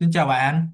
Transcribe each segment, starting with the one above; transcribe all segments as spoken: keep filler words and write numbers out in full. Xin chào bạn.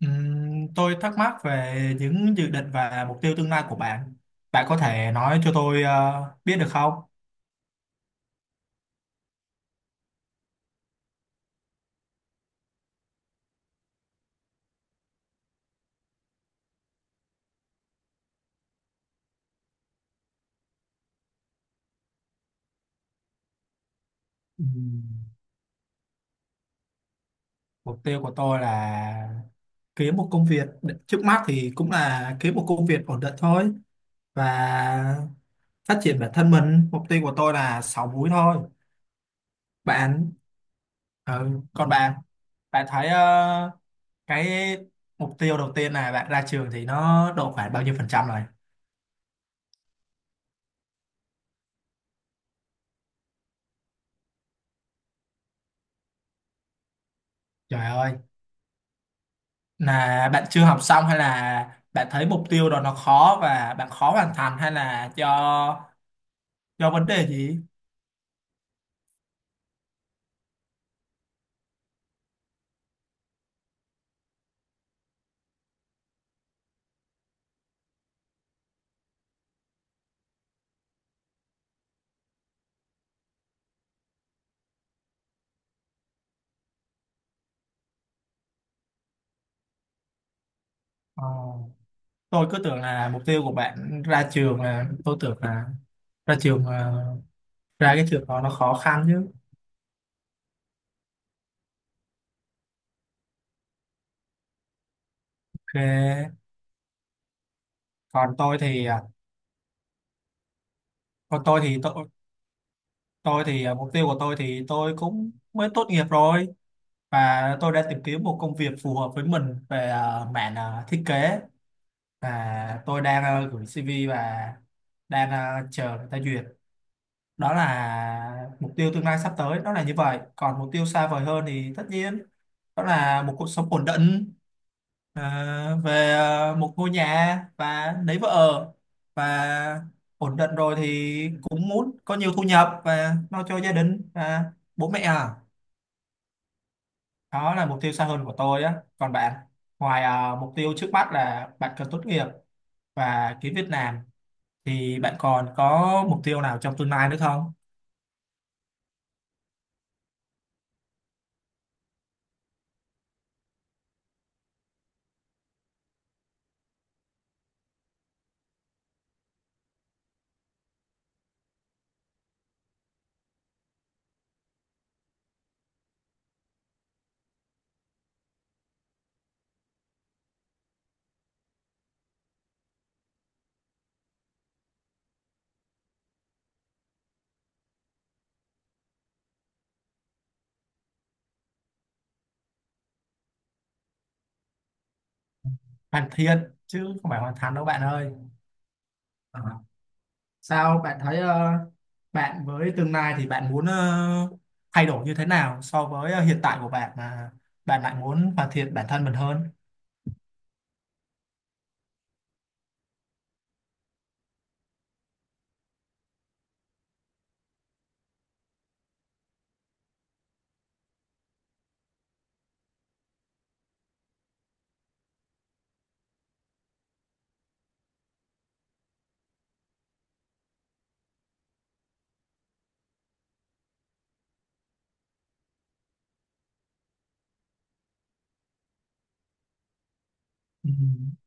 Ừm, tôi thắc mắc về những dự định và mục tiêu tương lai của bạn. Bạn có thể nói cho tôi ờ, biết được không? Ừm, Mục tiêu của tôi là kiếm một công việc, trước mắt thì cũng là kiếm một công việc ổn định thôi và phát triển bản thân mình. Mục tiêu của tôi là sáu múi thôi. Bạn, ừ, còn bạn, bạn thấy ờ, cái mục tiêu đầu tiên là bạn ra trường thì nó độ khoảng bao nhiêu phần trăm rồi? Trời ơi, là bạn chưa học xong hay là bạn thấy mục tiêu đó nó khó và bạn khó hoàn thành hay là do do vấn đề gì? Ờ, tôi cứ tưởng là mục tiêu của bạn ra trường là tôi tưởng là ra trường ờ, ra cái trường đó nó khó khăn chứ. Ok. Còn tôi thì à, còn tôi thì tôi tôi thì à, mục tiêu của tôi thì tôi cũng mới tốt nghiệp rồi và tôi đã tìm kiếm một công việc phù hợp với mình về à, mảng à, thiết kế và tôi đang ờ, gửi xi vi và đang ờ, chờ người ta duyệt, đó là mục tiêu tương lai sắp tới, đó là như vậy. Còn mục tiêu xa vời hơn thì tất nhiên đó là một cuộc sống ổn định, ờ, về ờ, một ngôi nhà và lấy vợ và ổn định rồi thì cũng muốn có nhiều thu nhập và lo cho gia đình và bố mẹ à, đó là mục tiêu xa hơn của tôi á. Còn bạn, ngoài ờ, mục tiêu trước mắt là bạn cần tốt nghiệp và kiếm việc làm, thì bạn còn có mục tiêu nào trong tương lai nữa không? Hoàn thiện chứ không phải hoàn thành đâu bạn ơi. Ờ. Sao bạn thấy ờ, bạn với tương lai thì bạn muốn ờ, thay đổi như thế nào so với ờ, hiện tại của bạn mà bạn lại muốn hoàn thiện bản thân mình hơn? Ừ,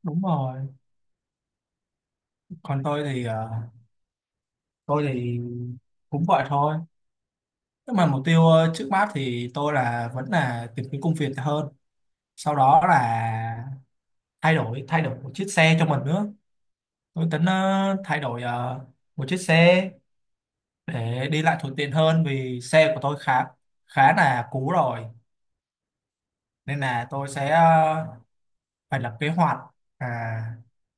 đúng rồi. Còn tôi thì ờ, tôi thì cũng vậy thôi, nhưng mà mục tiêu ờ, trước mắt thì tôi là vẫn là tìm kiếm công việc hơn, sau đó là thay đổi thay đổi một chiếc xe cho mình nữa. Tôi tính ờ, thay đổi ờ, một chiếc xe để đi lại thuận tiện hơn vì xe của tôi khá khá là cũ rồi, nên là tôi sẽ ờ, phải lập kế hoạch, à,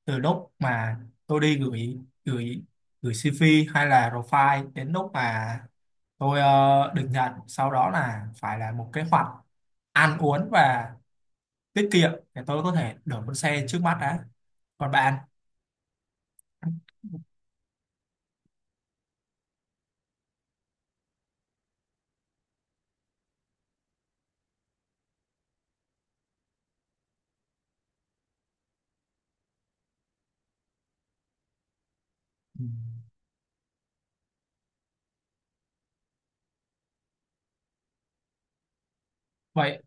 từ lúc mà tôi đi gửi gửi gửi xi vi hay là profile đến lúc mà tôi ờ, được nhận, sau đó là phải là một kế hoạch ăn uống và tiết kiệm để tôi có thể đổi con xe trước mắt đã. Còn bạn? Ừ. Vậy,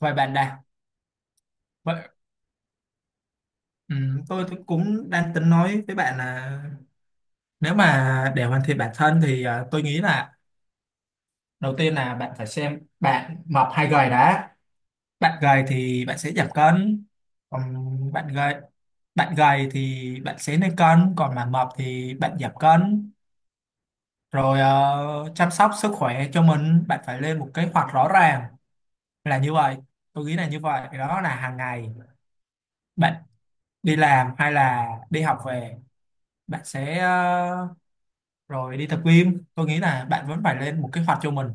vậy bạn nào vậy ừ, tôi thì cũng đang tính nói với bạn là nếu mà để hoàn thiện bản thân thì à, tôi nghĩ là đầu tiên là bạn phải xem bạn mập hay gầy đã. Bạn gầy thì bạn sẽ giảm cân, còn bạn gầy bạn gầy thì bạn sẽ lên cân, còn mà mập thì bạn giảm cân. Rồi ờ, chăm sóc sức khỏe cho mình, bạn phải lên một kế hoạch rõ ràng là như vậy. Tôi nghĩ là như vậy, đó là hàng ngày bạn đi làm hay là đi học về, bạn sẽ ờ, rồi đi tập gym, tôi nghĩ là bạn vẫn phải lên một kế hoạch cho mình.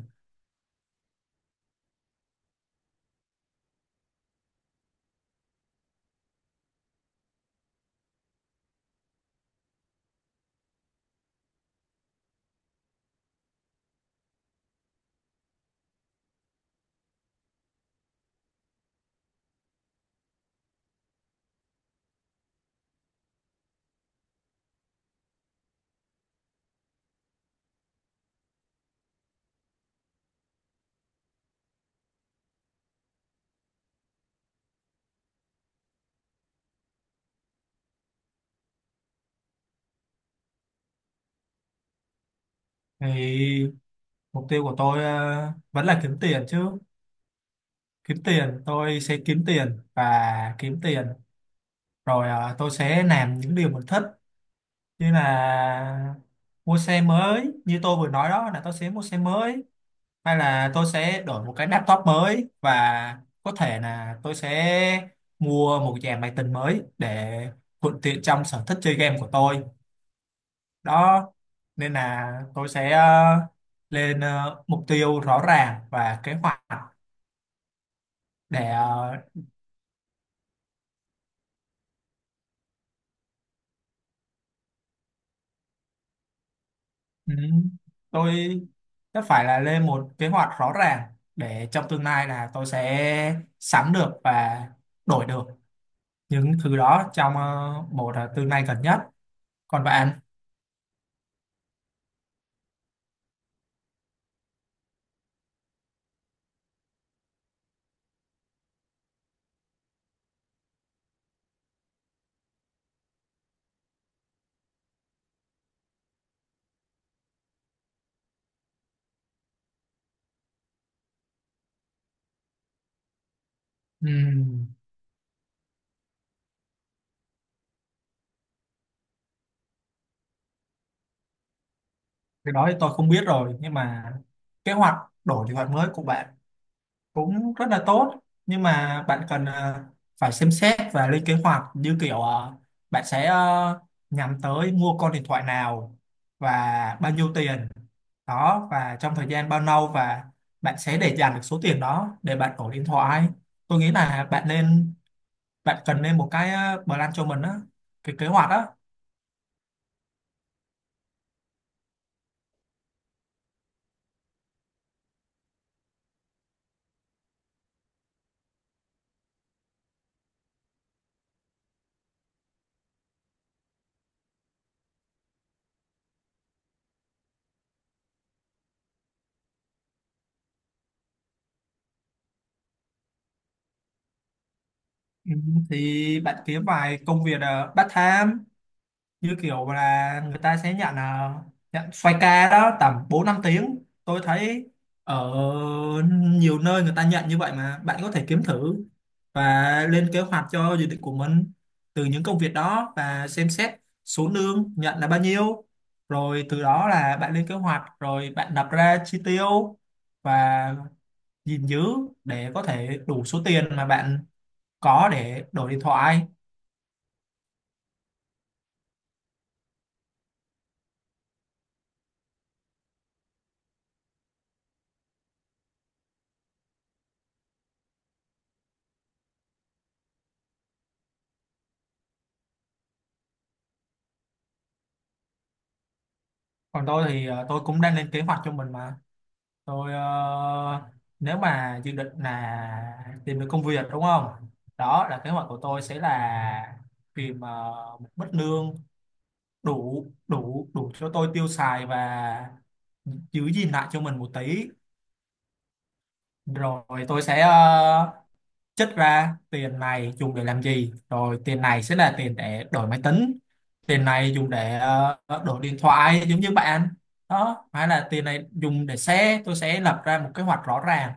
Thì mục tiêu của tôi ờ, vẫn là kiếm tiền chứ, kiếm tiền, tôi sẽ kiếm tiền và kiếm tiền rồi ờ, tôi sẽ làm những điều mình thích, như là mua xe mới như tôi vừa nói, đó là tôi sẽ mua xe mới, hay là tôi sẽ đổi một cái laptop mới, và có thể là tôi sẽ mua một dàn máy tính mới để thuận tiện trong sở thích chơi game của tôi đó. Nên là tôi sẽ ờ, lên ờ, mục tiêu rõ ràng và kế hoạch để ờ, ừ, tôi sẽ phải là lên một kế hoạch rõ ràng để trong tương lai là tôi sẽ sắm được và đổi được những thứ đó trong ờ, một ờ, tương lai gần nhất. Còn bạn? ừm, cái đó thì tôi không biết rồi, nhưng mà kế hoạch, đổi kế hoạch mới của bạn cũng rất là tốt, nhưng mà bạn cần ờ, phải xem xét và lên kế hoạch, như kiểu ờ, bạn sẽ ờ, nhắm tới mua con điện thoại nào và bao nhiêu tiền đó, và trong thời gian bao lâu và bạn sẽ để dành được số tiền đó để bạn đổi điện thoại. Tôi nghĩ là bạn nên, bạn cần nên một cái ờ, plan cho mình á, cái kế hoạch á. Ừ, thì bạn kiếm vài công việc ờ, part time, như kiểu là người ta sẽ nhận à, nhận xoay ca đó tầm bốn năm tiếng. Tôi thấy ở nhiều nơi người ta nhận như vậy mà bạn có thể kiếm thử và lên kế hoạch cho dự định của mình từ những công việc đó, và xem xét số lương nhận là bao nhiêu, rồi từ đó là bạn lên kế hoạch, rồi bạn đặt ra chi tiêu và gìn giữ để có thể đủ số tiền mà bạn có để đổi điện thoại. Còn tôi thì ờ, tôi cũng đang lên kế hoạch cho mình mà. Tôi ờ, nếu mà dự định là tìm được công việc đúng không? Đó là kế hoạch của tôi sẽ là tìm ờ, một mức lương đủ đủ đủ cho tôi tiêu xài và giữ gìn lại cho mình một tí. Rồi tôi sẽ ờ, chất ra tiền này dùng để làm gì, rồi tiền này sẽ là tiền để đổi máy tính, tiền này dùng để ờ, đổi điện thoại giống như bạn đó, hay là tiền này dùng để xe. Tôi sẽ lập ra một kế hoạch rõ ràng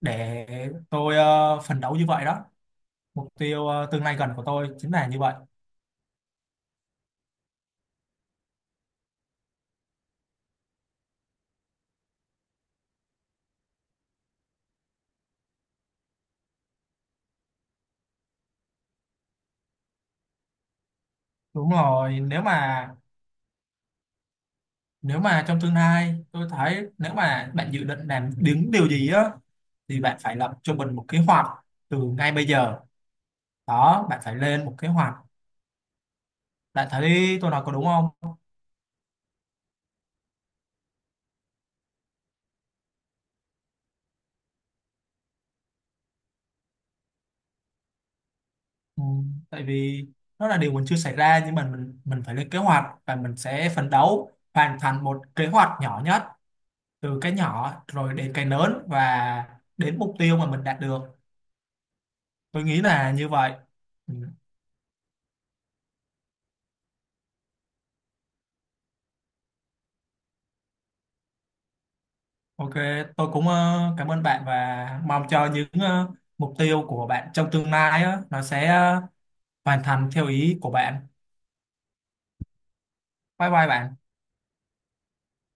để tôi ờ, phấn đấu như vậy đó. Mục tiêu ờ, tương lai gần của tôi chính là như vậy. Đúng rồi, nếu mà nếu mà trong tương lai tôi thấy nếu mà bạn dự định làm những điều gì á thì bạn phải lập cho mình một kế hoạch từ ngay bây giờ đó, bạn phải lên một kế hoạch. Bạn thấy tôi nói có đúng không? Ừ, tại vì nó là điều mình chưa xảy ra, nhưng mà mình mình phải lên kế hoạch và mình sẽ phấn đấu hoàn thành một kế hoạch nhỏ nhất, từ cái nhỏ rồi đến cái lớn và đến mục tiêu mà mình đạt được. Tôi nghĩ là như vậy. Ừ, ok, tôi cũng ờ, cảm ơn bạn và mong cho những ờ, mục tiêu của bạn trong tương lai á, nó sẽ ờ, hoàn thành theo ý của bạn. Bye bye bạn.